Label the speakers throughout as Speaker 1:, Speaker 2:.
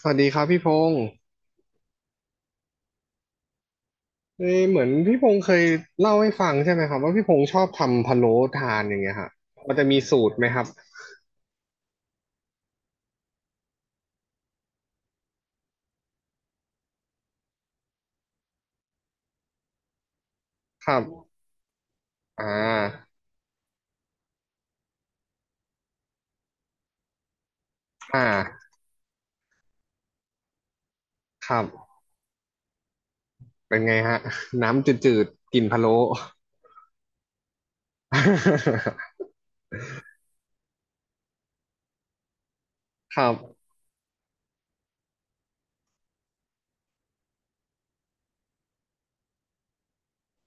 Speaker 1: สวัสดีครับพี่พงศ์เอ้ยเหมือนพี่พงศ์เคยเล่าให้ฟังใช่ไหมครับว่าพี่พงศ์ชอบทำพะโล้ทานอย่างเงี้ยฮะมันจะมีสูตรไหมครับครับอ่าอ่าครับเป็นไงฮะน้ำจืดๆกลิ่นพะโล้ ครับ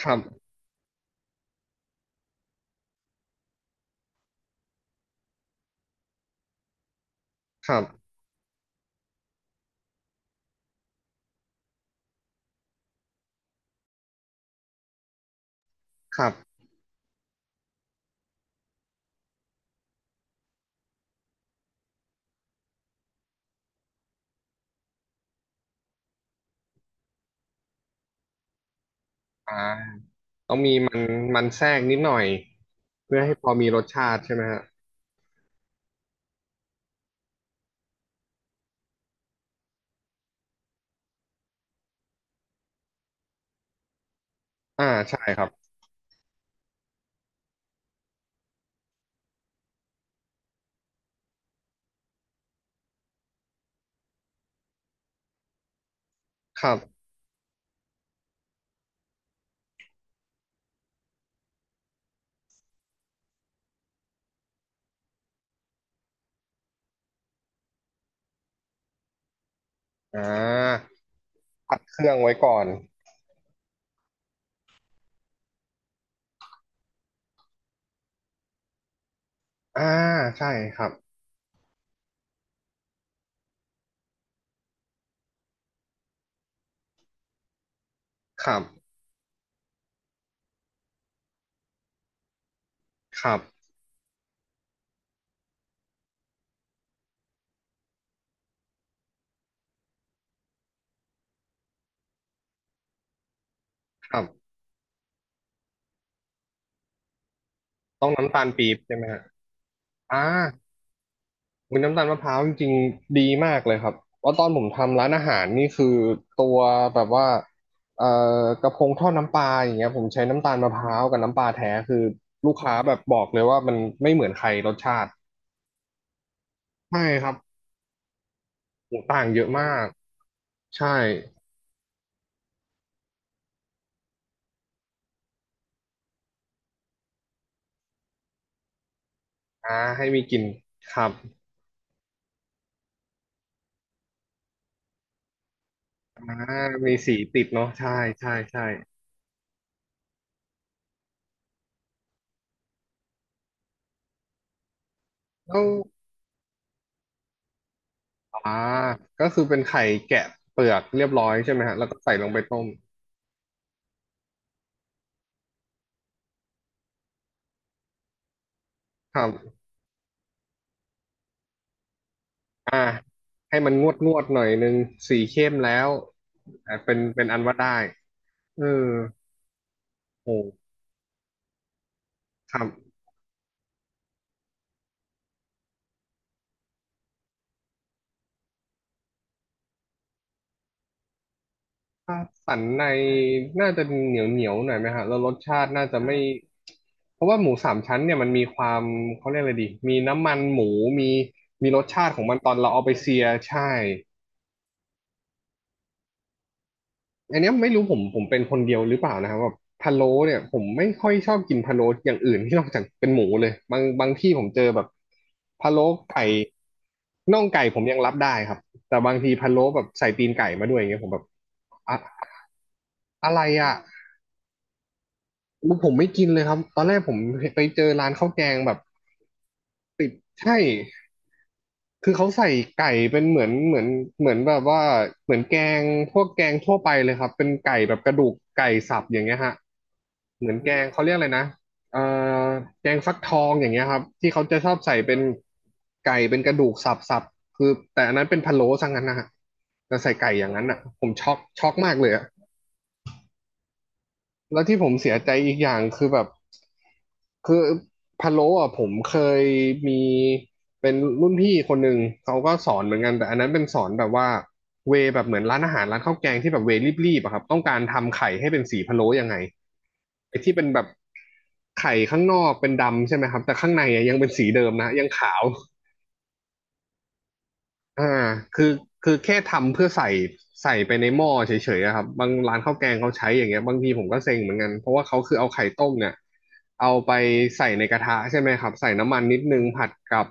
Speaker 1: ครับครับครับอ่าต้องมีมันมันแทรกนิดหน่อยเพื่อให้พอมีรสชาติใช่ไหมฮะอ่าใช่ครับครับอ่าผัดเครื่องไว้ก่อนอ่าใช่ครับครับครับครับ ต้องน้ำตาลปี๊บใช่ไหมฮะอ่ามุนน้ำตาลมะพร้าวจริงๆดีมากเลยครับว่าะตอนผมทำร้านอาหารนี่คือตัวแบบว่าเอ่อกระพงทอดน้ำปลาอย่างเงี้ยผมใช้น้ำตาลมะพร้าวกับน้ำปลาแท้คือลูกค้าแบบบอกเลยว่ามันไม่เหมือนใครรสชาติใช่ครับโหูต่างเยอะมากใช่อ่าให้มีกลิ่นครับอ่ามีสีติดเนาะใช่ใช่ใช่แล้วอ่าก็คือเป็นไข่แกะเปลือกเรียบร้อยใช่ไหมฮะแล้วก็ใส่ลงไปต้มครับ อ่าให้มันงวดงวดหน่อยนึงสีเข้มแล้วอ่ะเป็นอันว่าได้เออโหครับถ้าสันในน่าจะเหนียวเหนียวหน่อยไหมฮะแล้วรสชาติน่าจะไม่เพราะว่าหมูสามชั้นเนี่ยมันมีความเขาเรียกอะไรดีมีน้ำมันหมูมีมีรสชาติของมันตอนเราเอาไปเซียใช่ อันเนี้ยไม่รู้ผมเป็นคนเดียวหรือเปล่านะครับแบบพะโล้เนี่ยผมไม่ค่อยชอบกินพะโล้อย่างอื่นที่นอกจากเป็นหมูเลยบางที่ผมเจอแบบพะโล้ไก่น่องไก่ผมยังรับได้ครับแต่บางทีพะโล้แบบใส่ตีนไก่มาด้วยอย่างเงี้ยผมแบบอะอะไรอ่ะผมไม่กินเลยครับตอนแรกผมไปเจอร้านข้าวแกงแบบติดใช่ คือเขาใส่ไก่เป็นเหมือนเหมือนเหมือนแบบว่าเหมือนแกงพวกแกงทั่วไปเลยครับเป็นไก่แบบกระดูกไก่สับอย่างเงี้ยฮะเหมือนแกงเขาเรียกอะไรนะเอ่อแกงฟักทองอย่างเงี้ยครับที่เขาจะชอบใส่เป็นไก่เป็นกระดูกสับคือแต่อันนั้นเป็นพะโล้ซะงั้นนะฮะแต่ใส่ไก่อย่างนั้นอ่ะผมช็อกมากเลยอะ แล้วที่ผมเสียใจอีกอย่างคือแบบคือพะโล้อ่ะผมเคยมีเป็นรุ่นพี่คนหนึ่งเขาก็สอนเหมือนกันแต่อันนั้นเป็นสอนแบบว่าเวแบบเหมือนร้านอาหารร้านข้าวแกงที่แบบเวรีบๆอะครับต้องการทำไข่ให้เป็นสีพะโล้ยังไงไอ้ที่เป็นแบบไข่ข้างนอกเป็นดำใช่ไหมครับแต่ข้างในอะยังเป็นสีเดิมนะยังขาว อ่าคือคือแค่ทำเพื่อใส่ใส่ไปในหม้อเฉยๆอะครับบางร้านข้าวแกงเขาใช้อย่างเงี้ยบางทีผมก็เซ็งเหมือนกันเพราะว่าเขาคือเอาไข่ต้มเนี่ยเอาไปใส่ในกระทะใช่ไหมครับใส่น้ำมันนิดนึงผัดกับ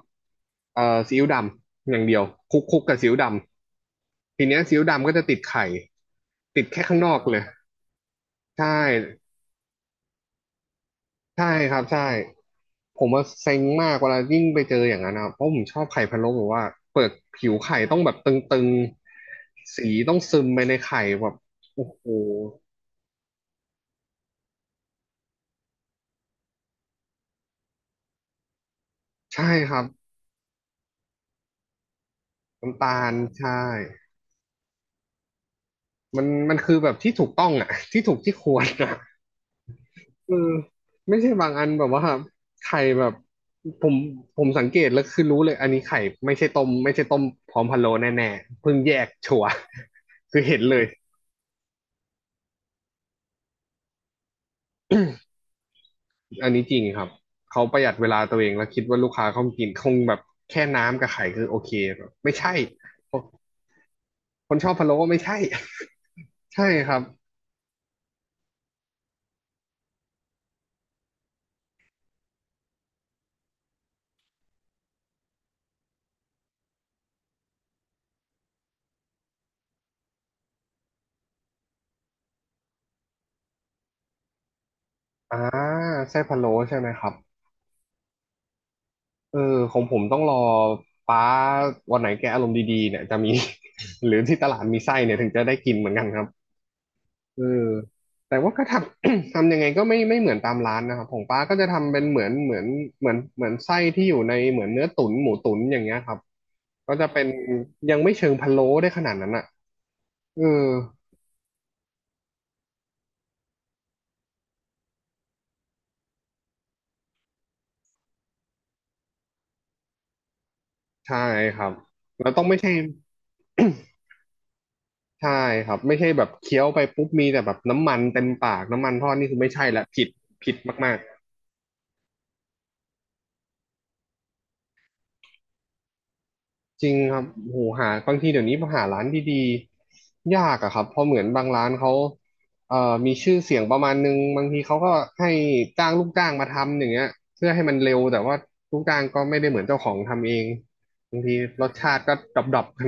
Speaker 1: เอ่อซีอิ๊วดำอย่างเดียวคลุกคลุกกับซีอิ๊วดำทีเนี้ยซีอิ๊วดำก็จะติดไข่ติดแค่ข้างนอกเลยใช่ ใช่ครับใช่ผมว่าเซ็งมากเวลายิ่งไปเจออย่างนั้นนะเพราะผมชอบไข่พะโล้แบบว่าเปิดผิวไข่ต้องแบบตึงๆสีต้องซึมไปในไข่แบบโอ้โหใช่ครับน้ำตาลใช่มันมันคือแบบที่ถูกต้องอ่ะ ที่ถูกที่ควรอ่ะเออไม่ใช่บางอันแบบว่าไข่แบบผมผมสังเกตแล้วคือรู้เลยอันนี้ไข่ไม่ใช่ต้มไม่ใช่ต้มพร้อมพะโล้แน่ๆเพิ่งแยกชัวร์ คือเห็นเลย อันนี้จริงครับเขาประหยัดเวลาตัวเองแล้วคิดว่าลูกค้าเขากินคงแบบแค่น้ำกับไข่คือโอเคแบบไม่ใช่คนชอบพะโล้ไม่ใช่ ใช่ครับอ่าไส้พะโล้ใช่ไหมครับเออของผมต้องรอป้าวันไหนแกอารมณ์ดีๆเนี่ยจะมี หรือที่ตลาดมีไส้เนี่ยถึงจะได้กินเหมือนกันครับเออแต่ว่าก็ทำ ทำยังไงก็ไม่ไม่เหมือนตามร้านนะครับของป้าก็จะทำเป็นเหมือนเหมือนเหมือนเหมือนไส้ที่อยู่ในเหมือนเนื้อตุ๋นหมูตุ๋นอย่างเงี้ยครับ ก็จะเป็นยังไม่เชิงพะโล้ได้ขนาดนั้นอ่ะเออใช่ครับแล้วต้องไม่ใช่ ใช่ครับไม่ใช่แบบเคี้ยวไปปุ๊บมีแต่แบบน้ำมันเต็มปากน้ำมันทอดนี่คือไม่ใช่ละผิดผิดมากๆจริงครับโหหาบางทีเดี๋ยวนี้หาร้านดีๆยากอะครับเพราะเหมือนบางร้านเขามีชื่อเสียงประมาณนึงบางทีเขาก็ให้จ้างลูกจ้างมาทำอย่างเงี้ยเพื่อให้มันเร็วแต่ว่าลูกจ้างก็ไม่ได้เหมือนเจ้าของทำเองบางทีรสชาติก็ดรอปๆกัน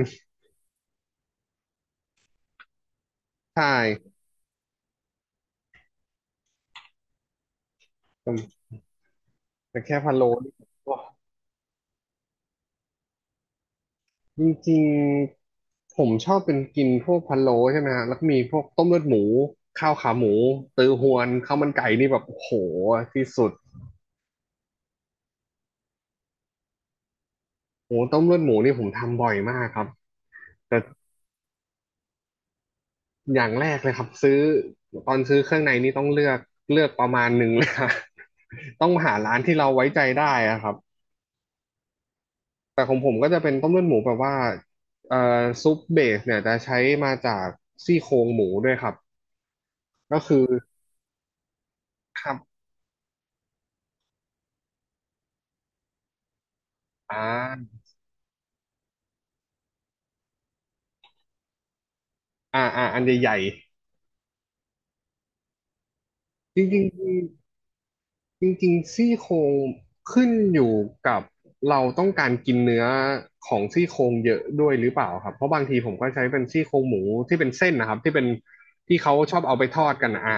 Speaker 1: ใช่ แต่แค่พะโล้นี่โอจริงๆผมชอบเป็นกินพวกพะโล้ใช่ไหมฮะแล้วก็มีพวกต้มเลือดหมูข้าวขาหมูตือฮวนข้าวมันไก่นี่แบบโอ้โหที่สุดโอ้ต้มเลือดหมูนี่ผมทำบ่อยมากครับแต่อย่างแรกเลยครับซื้อตอนซื้อเครื่องในนี่ต้องเลือกประมาณหนึ่งเลยครับ ต้องหาร้านที่เราไว้ใจได้อะครับแต่ของผมก็จะเป็นต้มเลือดหมูแบบว่าเอ่อซุปเบสเนี่ยจะใช้มาจากซี่โครงหมูด้วยครับก็คือครับ อ่าอันใหญ่ๆ จริงๆจริงจริงๆซี่โครงขึ้นอยู่กับเราต้องการกินเนื้อของซี่โครงเยอะด้วยหรือเปล่าครับเพราะบางทีผมก็ใช้เป็นซี่โครงหมูที่เป็นเส้นนะครับที่เขาชอบเอาไปทอดกันนะอ่า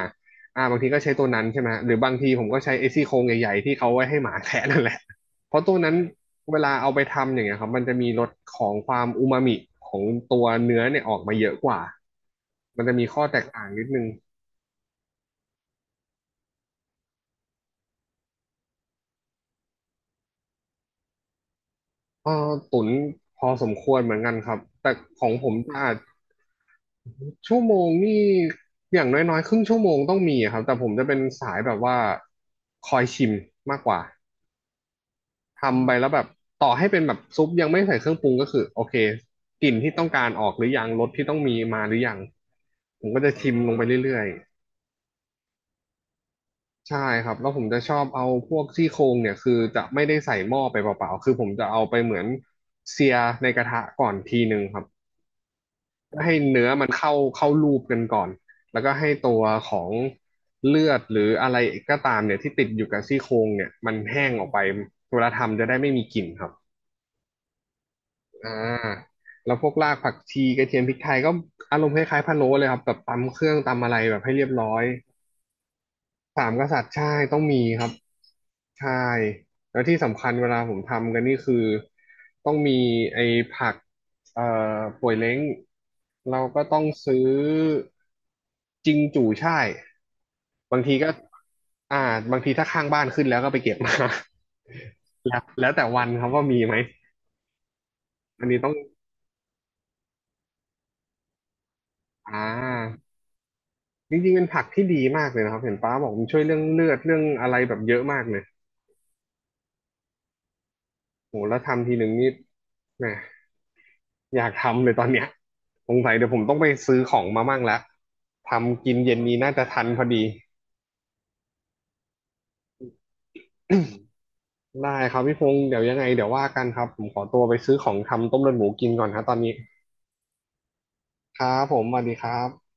Speaker 1: อ่าบางทีก็ใช้ตัวนั้นใช่ไหมฮะหรือบางทีผมก็ใช้ไอ้ซี่โครงใหญ่ๆที่เขาไว้ให้หมาแทะนั่นแหละเพราะตัวนั้นเวลาเอาไปทำอย่างเงี้ยครับมันจะมีรสของความอูมามิของตัวเนื้อเนี่ยออกมาเยอะกว่ามันจะมีข้อแตกต่างนิดนึง เออตุ๋นพอสมควรเหมือนกันครับแต่ของผมจะอาจชั่วโมงนี่อย่างน้อยๆครึ่งชั่วโมงต้องมีครับแต่ผมจะเป็นสายแบบว่าคอยชิมมากกว่าทำไปแล้วแบบต่อให้เป็นแบบซุปยังไม่ใส่เครื่องปรุงก็คือโอเคกลิ่นที่ต้องการออกหรือยังรสที่ต้องมีมาหรือยังผมก็จะชิมลงไปเรื่อยๆใช่ครับแล้วผมจะชอบเอาพวกซี่โครงเนี่ยคือจะไม่ได้ใส่หม้อไปเปล่าๆคือผมจะเอาไปเหมือนเสียในกระทะก่อนทีหนึงครับ ก็ให้เนื้อมันเข้ารูปกันก่อน แล้วก็ให้ตัวของเลือดหรืออะไรก็ตามเนี่ยที่ติดอยู่กับซี่โครงเนี่ยมันแห้งออกไปเวลาทำจะได้ไม่มีกลิ่นครับอ่าแล้วพวกรากผักชีกระเทียมพริกไทยก็อารมณ์คล้ายๆพะโล้เลยครับแบบตำเครื่องตำอะไรแบบให้เรียบร้อย สามกษัตริย์ใช่ต้องมีครับใช่แล้วที่สำคัญเวลาผมทำกันนี่คือต้องมีไอ้ผักเอ่อป่วยเล้งเราก็ต้องซื้อจิงจู่ช่ายบางทีก็อ่าบางทีถ้าข้างบ้านขึ้นแล้วก็ไปเก็บมา แล้วแล้วแต่วันครับว่ามีไหมอันนี้ต้องอ่าจริงๆเป็นผักที่ดีมากเลยนะครับเห็นป้าบอกมันช่วยเรื่องเลือดเรื่องอะไรแบบเยอะมากเลยโหแล้วทำทีหนึ่งนี่แหม อยากทำเลยตอนเนี้ยสงสัยเดี๋ยวผมต้องไปซื้อของมามั่งแล้วทำกินเย็นนี้น่าจะทันพอดี ได้ครับพี่พงศ์เดี๋ยวยังไงเดี๋ยวว่ากันครับผมขอตัวไปซื้อของทำต้มเลือดหมูกินก่อนครับตอนนี้ครับผมสวัสดีครับ